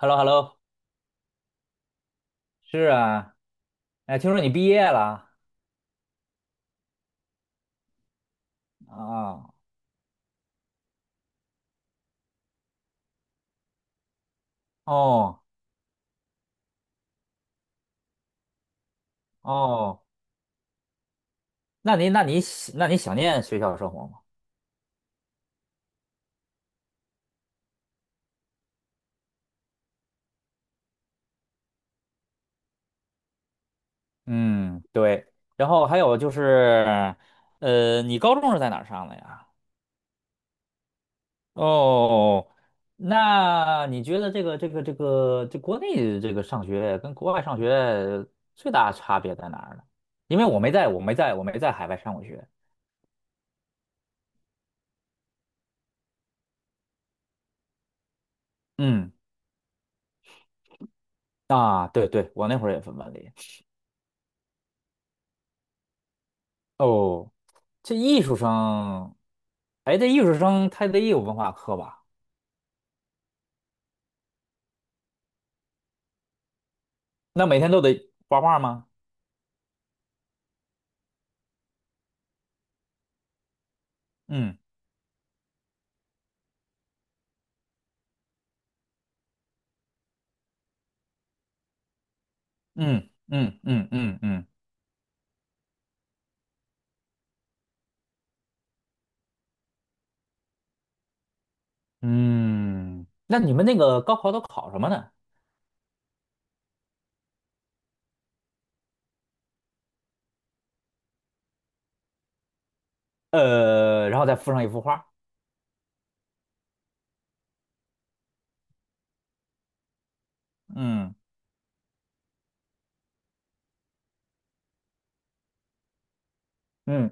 H E L L O H E L L O。 是啊，哎，听说你毕业了啊？哦哦，那你那你喜那你想念学校生活吗？嗯，对。然后还有就是，你高中是在哪儿上的呀？哦，那你觉得这个这国内这个上学跟国外上学最大差别在哪儿呢？因为我没在海外上过学。嗯啊，对对，我那会儿也分班里。哦，这艺术生，哎，这艺术生他得有文化课吧？那每天都得画画吗？嗯嗯嗯嗯嗯嗯嗯。那你们那个高考都考什么呢？然后再附上一幅画。嗯嗯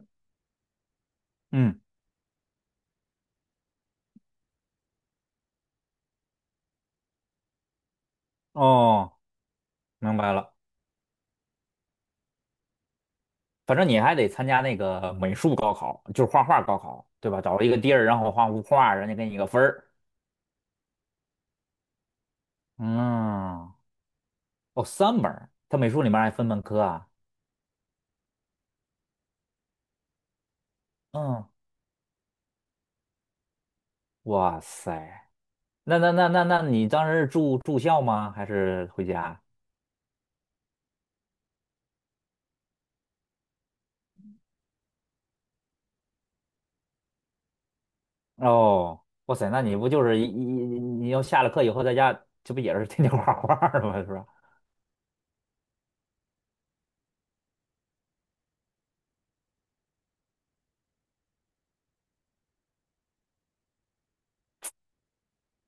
嗯。哦，明白了。反正你还得参加那个美术高考，就是画画高考，对吧？找一个地儿，然后画幅画，人家给你个分儿。嗯，哦，三门儿，他美术里面还分门科啊。嗯。哇塞，那你当时是住校吗？还是回家？哦，哇塞，那你不就是你要下了课以后在家，这不也是 天天画画儿的吗？是吧？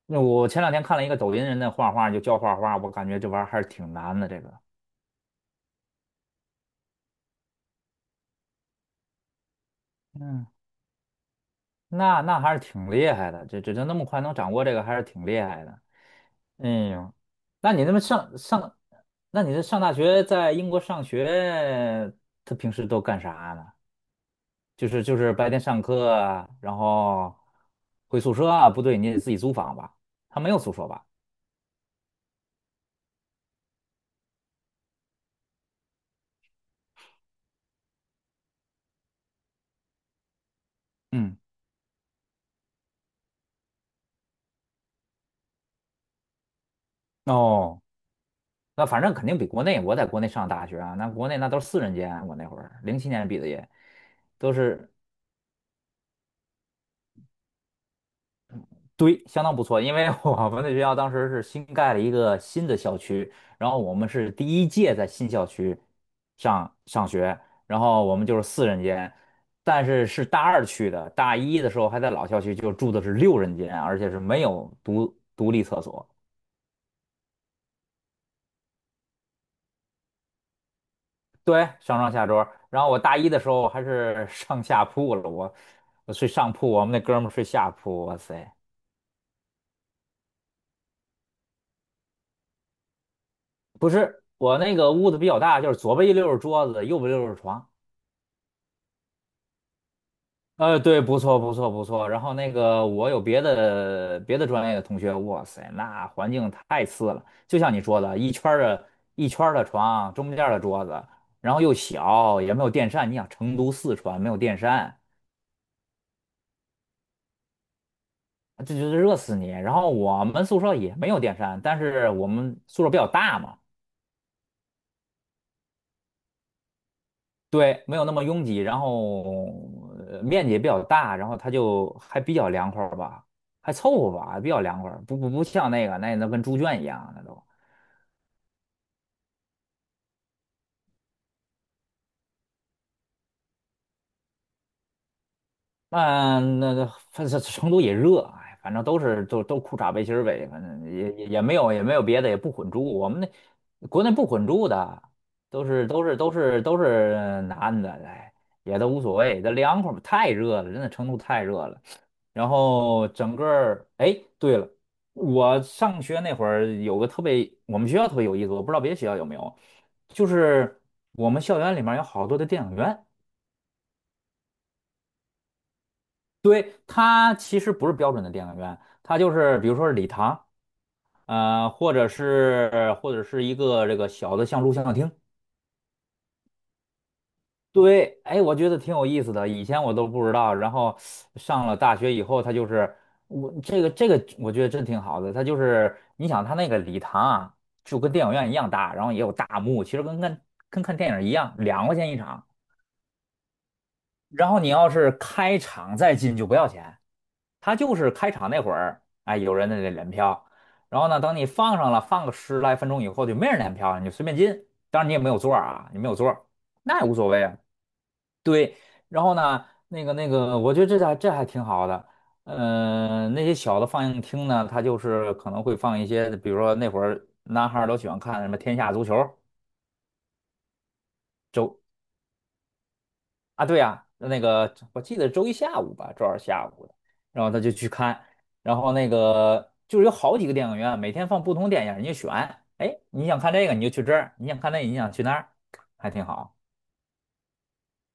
那我前两天看了一个抖音人的画画，就教画画，我感觉这玩意儿还是挺难的。这个，嗯，那那还是挺厉害的，这那么快能掌握这个，还是挺厉害的。哎呦，那你那么那你这上大学在英国上学，他平时都干啥呢？就是就是白天上课啊然后回宿舍啊，不对，你得自己租房吧？他没有宿舍吧？嗯，哦，那反正肯定比国内，我在国内上大学啊，那国内那都是四人间，我那会儿零七年毕的业，都是对，相当不错，因为我们那学校当时是新盖了一个新的校区，然后我们是第一届在新校区上学,然后我们就是四人间，但是是大二去的，大一的时候还在老校区，就住的是六人间，而且是没有独立厕所，对，上下桌,然后我大一的时候还是上下铺了，我我睡上铺，我们那哥们儿睡下铺，哇塞，不是，我那个屋子比较大，就是左边一溜儿是桌子，右边一溜儿是床。对，不错，不错，不错。然后那个，我有别的专业的同学，哇塞，那环境太次了。就像你说的，一圈儿的床，中间儿的桌子，然后又小，也没有电扇。你想，成都、四川没有电扇，这就是热死你。然后我们宿舍也没有电扇，但是我们宿舍比较大嘛，对，没有那么拥挤，然后呃面积也比较大，然后它就还比较凉快儿吧，还凑合吧，还比较凉快儿不像那个那跟猪圈一样，那都。那反正成都也热，哎，反正都是都裤衩背心儿呗，反正也没有也没有别的，也不混住。我们那国内不混住的，都是男的，哎，也都无所谓，这凉快儿吧太热了，真的成都太热了。然后整个儿，哎，对了，我上学那会儿有个特别，我们学校特别有意思，我不知道别的学校有没有，就是我们校园里面有好多的电影院。对，它其实不是标准的电影院，它就是比如说是礼堂，呃，或者是一个这个小的像录像厅。对，哎，我觉得挺有意思的，以前我都不知道。然后上了大学以后，它就是我这个，我觉得真挺好的。它就是你想，它那个礼堂啊，就跟电影院一样大，然后也有大幕，其实跟看电影一样，两块钱一场。然后你要是开场再进就不要钱。它就是开场那会儿，哎，有人在那连票，然后呢，等你放上了，放个十来分钟以后，就没人连票了，你就随便进。当然你也没有座儿啊，你没有座儿，那也无所谓啊。对，然后呢，那个,我觉得这还这还挺好的。呃，那些小的放映厅呢，它就是可能会放一些，比如说那会儿男孩儿都喜欢看什么《天下足球》周啊，对呀、那个我记得周一下午吧，周二下午的，然后他就去看，然后那个就是有好几个电影院，每天放不同电影，你就选，哎，你想看这个你就去这儿，你想看那个你想去那儿，还挺好。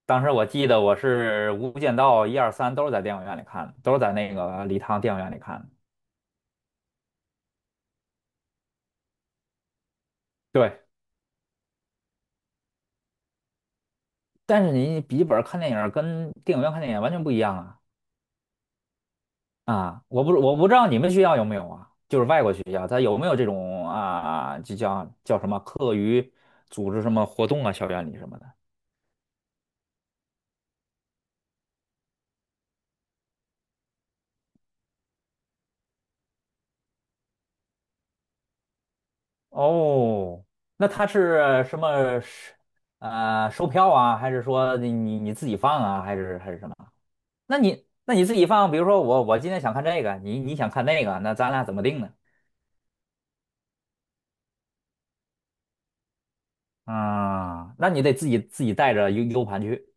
当时我记得我是《无间道》一二三都是在电影院里看的，都是在那个礼堂电影院里看的。对，但是你笔记本看电影儿跟电影院看电影完全不一样啊。啊，我不知道你们学校有没有啊，就是外国学校，它有没有这种啊，就叫什么课余组织什么活动啊，校园里什么的。哦，那它是什么是呃售票啊，还是说你自己放啊，还是还是什么？那你那你自己放，比如说我今天想看这个，你你想看那个，那咱俩怎么定呢？啊，那你得自己带着 U 盘去，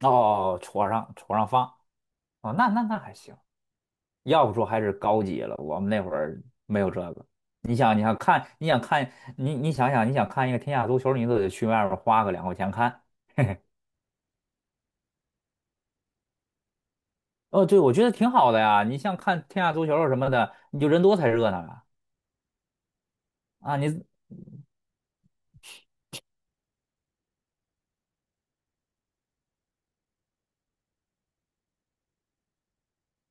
哦，哦戳上放，哦，那还行。要不说还是高级了。我们那会儿没有这个。你想，你想看，你想看，你你想想，你想看一个天下足球，你都得去外面花个两块钱看。哦，对，我觉得挺好的呀。你像看天下足球什么的，你就人多才热闹啊。啊，你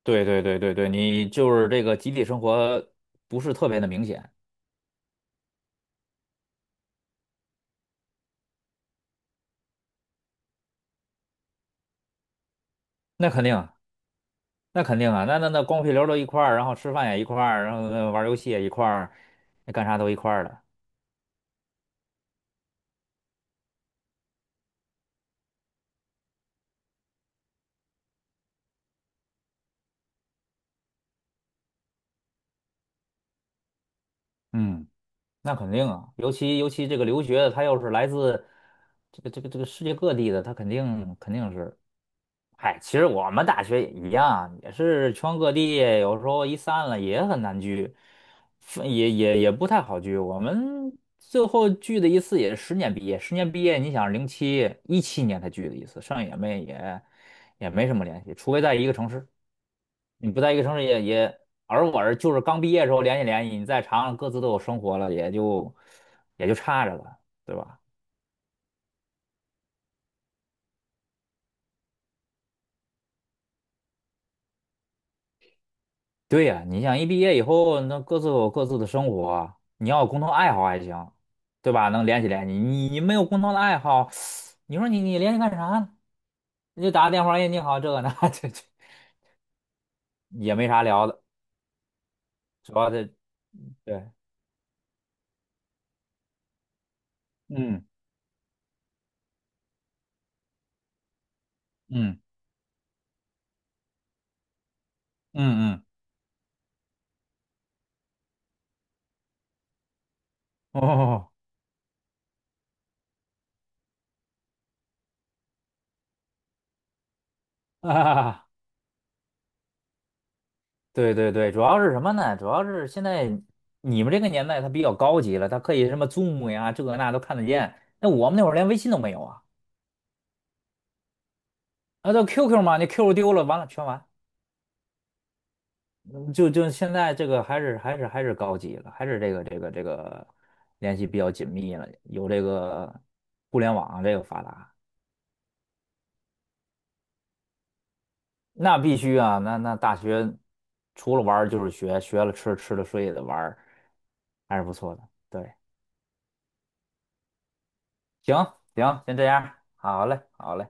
对,你就是这个集体生活不是特别的明显。那肯定，那肯定啊，那光屁溜儿都一块儿，然后吃饭也一块儿，然后呃玩儿游戏也一块儿，那干啥都一块儿的。嗯。那肯定啊，尤其这个留学的，他又是来自这个世界各地的，他肯定是，嗨，其实我们大学也一样，也是全各地，有时候一散了也很难聚，分也不太好聚。我们最后聚的一次也是十年毕业，十年毕业，你想零七一七年才聚的一次，剩下也没什么联系，除非在一个城市。你不在一个城市而我就是刚毕业的时候联系联系，你再长了各自都有生活了，也就差着了，对吧？对呀，你想一毕业以后，那各自有各自的生活，你要有共同爱好还行，对吧？能联系联系，你没有共同的爱好，你说你联系干啥呢？你就打个电话，哎，你好，这个那 这也没啥聊的，主要是对，嗯嗯嗯嗯，哦啊。对,主要是什么呢？主要是现在你们这个年代它比较高级了，它可以什么 Zoom 呀，这个那都看得见。那我们那会儿连微信都没有啊，啊，都 QQ 嘛，那 QQ 丢了，完了全完。嗯就就现在这个还是还是高级了，还是这个联系比较紧密了，有这个互联网啊这个发达，那必须啊，那那大学除了玩儿就是学，学了吃，吃了睡也得玩儿还是不错的。对，行行，先这样，好嘞，好嘞。